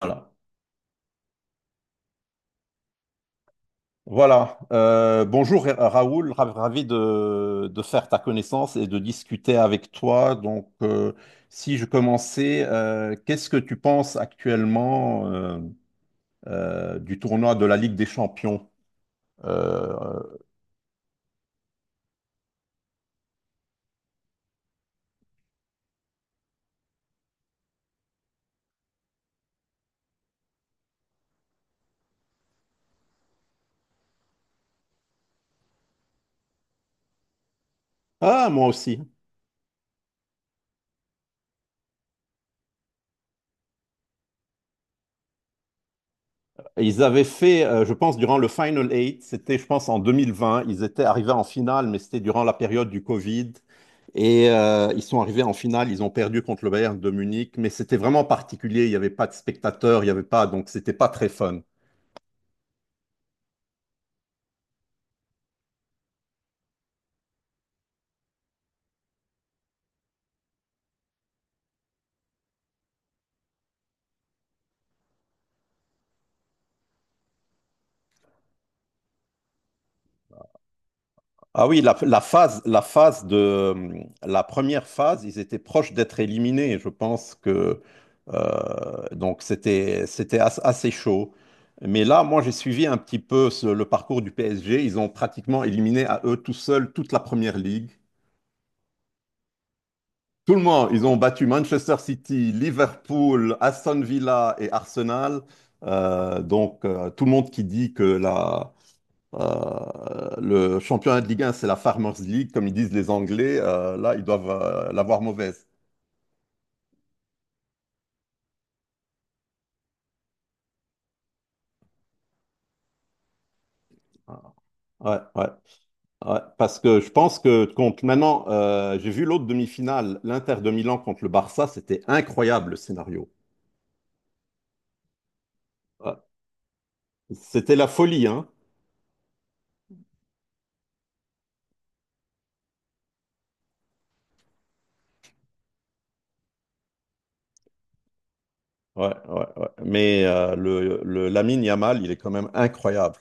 Voilà. Voilà. Bonjour Raoul, ravi de faire ta connaissance et de discuter avec toi. Si je commençais, qu'est-ce que tu penses actuellement du tournoi de la Ligue des Champions? Euh, euh, ah, moi aussi. Ils avaient fait, je pense, durant le Final Eight, c'était, je pense, en 2020. Ils étaient arrivés en finale, mais c'était durant la période du Covid. Et ils sont arrivés en finale, ils ont perdu contre le Bayern de Munich, mais c'était vraiment particulier. Il n'y avait pas de spectateurs, il n'y avait pas, donc c'était pas très fun. Ah oui, la phase de la première phase, ils étaient proches d'être éliminés. Je pense que donc c'était assez chaud. Mais là, moi, j'ai suivi un petit peu le parcours du PSG. Ils ont pratiquement éliminé à eux tout seuls toute la première ligue. Tout le monde, ils ont battu Manchester City, Liverpool, Aston Villa et Arsenal. Tout le monde qui dit que la le championnat de Ligue un, c'est la Farmers League, comme ils disent les Anglais. Là, ils doivent l'avoir mauvaise. Ouais, ouais, ouais. Parce que je pense que contre maintenant, j'ai vu l'autre demi-finale, l'Inter de Milan contre le Barça, c'était incroyable le scénario. Ouais. C'était la folie, hein. Ouais, ouais, ouais. Mais le Lamine Yamal, il est quand même incroyable.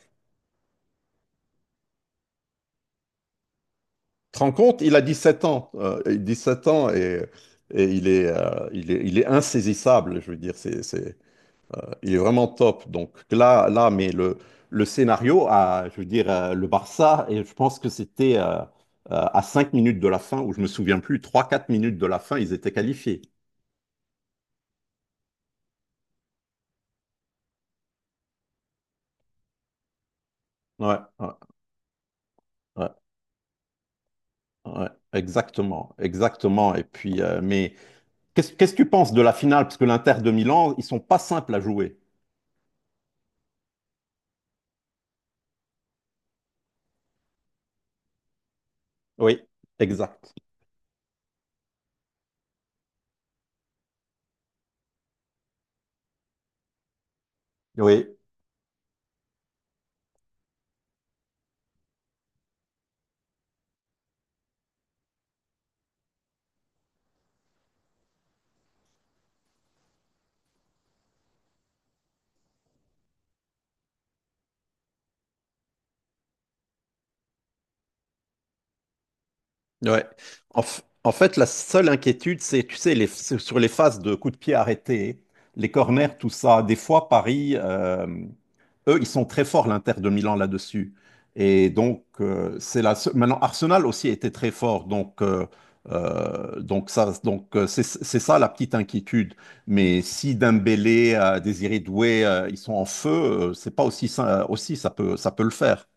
Tu te rends compte, il a 17 ans, et 17 ans et il est, il est insaisissable. Je veux dire, c'est- Il est vraiment top. Donc mais le scénario, je veux dire, le Barça, et je pense que c'était à 5 minutes de la fin, ou je me souviens plus, 3 ou 4 minutes de la fin, ils étaient qualifiés. Ouais, ouais, ouais, ouais, exactement, exactement. Et puis, mais qu'est-ce que tu penses de la finale? Parce que l'Inter de Milan, ils sont pas simples à jouer. Oui, exact. Oui. Ouais. En fait, la seule inquiétude, c'est, tu sais, sur les phases de coups de pied arrêtés, les corners, tout ça. Des fois, Paris, eux, ils sont très forts, l'Inter de Milan, là-dessus. Et donc, c'est la seule- Maintenant, Arsenal aussi était très fort. Donc c'est ça la petite inquiétude. Mais si Dembélé, Désiré Doué, ils sont en feu, c'est pas aussi, aussi ça peut le faire.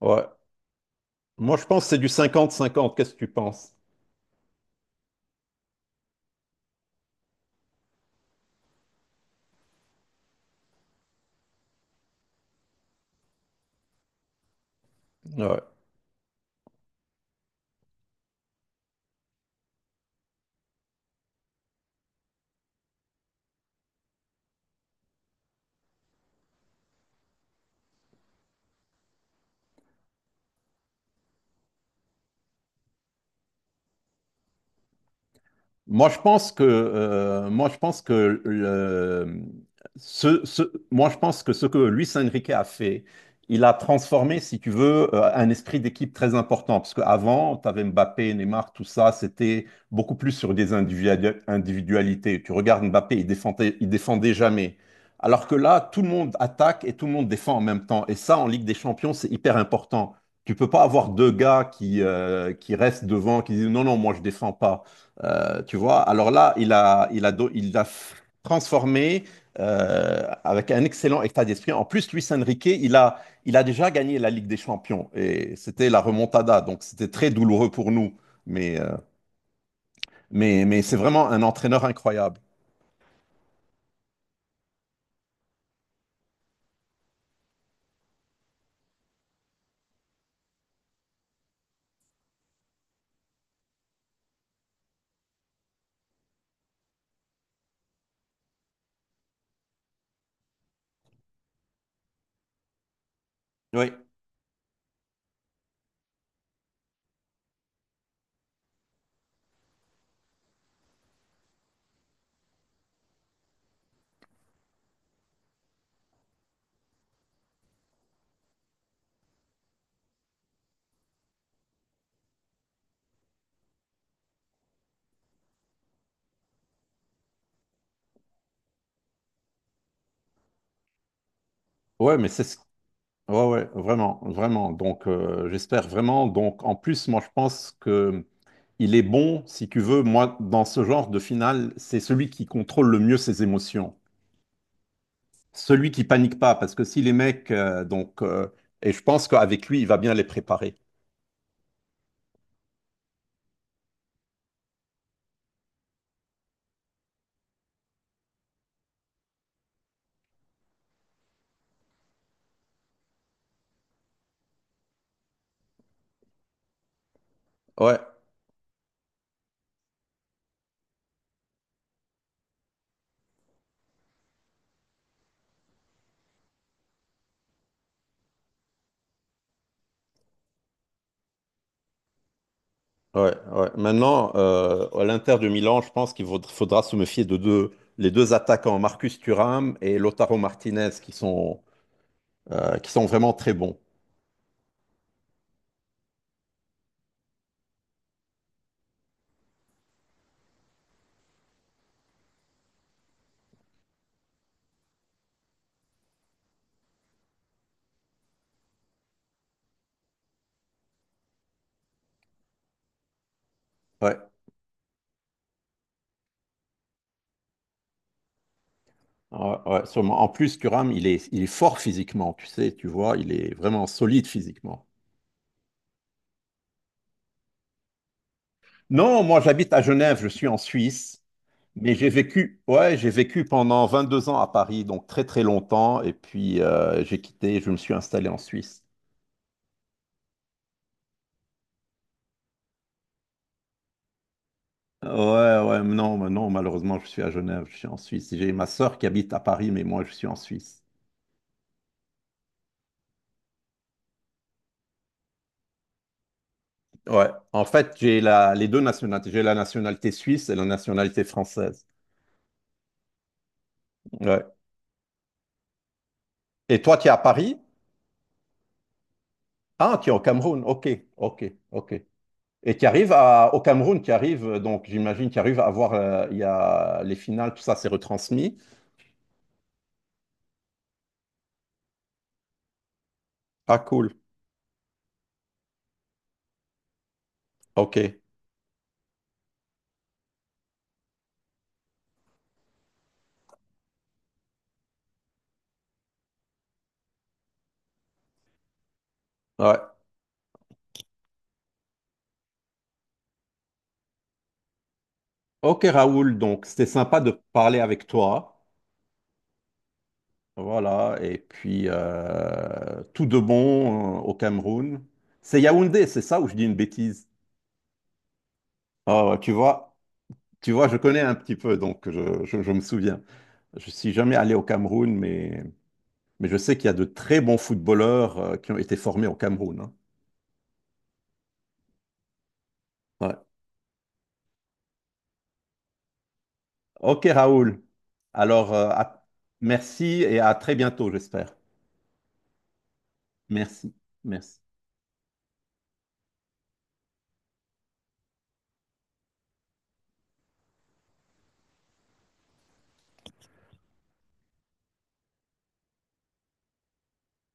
Ouais. Moi, je pense que c'est du cinquante-cinquante. Qu'est-ce que tu penses? Ouais. Moi, je pense que ce, ce- moi, je pense que ce que Luis Enrique a fait, il a transformé, si tu veux, un esprit d'équipe très important. Parce qu'avant, tu avais Mbappé, Neymar, tout ça, c'était beaucoup plus sur des individualités. Tu regardes Mbappé, il défendait jamais. Alors que là, tout le monde attaque et tout le monde défend en même temps. Et ça, en Ligue des Champions, c'est hyper important. Tu peux pas avoir deux gars qui restent devant, qui disent non, non, moi, je défends pas. Euh, tu vois, alors là, il a transformé avec un excellent état d'esprit. En plus, Luis Enrique, il a déjà gagné la Ligue des Champions et c'était la remontada, donc c'était très douloureux pour nous. Mais, euh, mais c'est vraiment un entraîneur incroyable. Oui, ouais, mais ouais, ouais, vraiment, vraiment. Donc, j'espère vraiment. Donc, en plus, moi, je pense que il est bon, si tu veux, moi, dans ce genre de finale, c'est celui qui contrôle le mieux ses émotions. Celui qui panique pas, parce que si les mecs, et je pense qu'avec lui, il va bien les préparer. Ouais, ouais, ouais. Maintenant, à l'Inter de Milan, je pense faudra se méfier de deux, les deux attaquants, Marcus Thuram et Lautaro Martinez, qui sont vraiment très bons. Ouais, ouais, ouais, sûrement. En plus, Thuram, il est fort physiquement, tu sais, tu vois, il est vraiment solide physiquement. Non, moi, j'habite à Genève, je suis en Suisse. Mais j'ai vécu, ouais, j'ai vécu pendant 22 ans à Paris, donc très très longtemps, et puis j'ai quitté, je me suis installé en Suisse. Ouais, ouais, non, mais non, malheureusement, je suis à Genève, je suis en Suisse. J'ai ma sœur qui habite à Paris, mais moi, je suis en Suisse. Ouais, en fait, j'ai les deux nationalités. J'ai la nationalité suisse et la nationalité française. Ouais. Et toi, tu es à Paris? Ah, tu es au Cameroun. OK, OK, OK. Et tu arrives à, au Cameroun, tu arrives, donc j'imagine, tu arrives à voir, il y a les finales, tout ça, c'est retransmis. Ah, cool. Ok, ouais. Ok Raoul, donc c'était sympa de parler avec toi. Voilà, et puis tout de bon au Cameroun. C'est Yaoundé, c'est ça ou je dis une bêtise? Ah ouais, tu vois, je connais un petit peu, donc je me souviens. Je suis jamais allé au Cameroun, mais je sais qu'il y a de très bons footballeurs qui ont été formés au Cameroun, hein. Ouais. Ok Raoul, alors euh, à- merci et à très bientôt, j'espère. Merci, merci.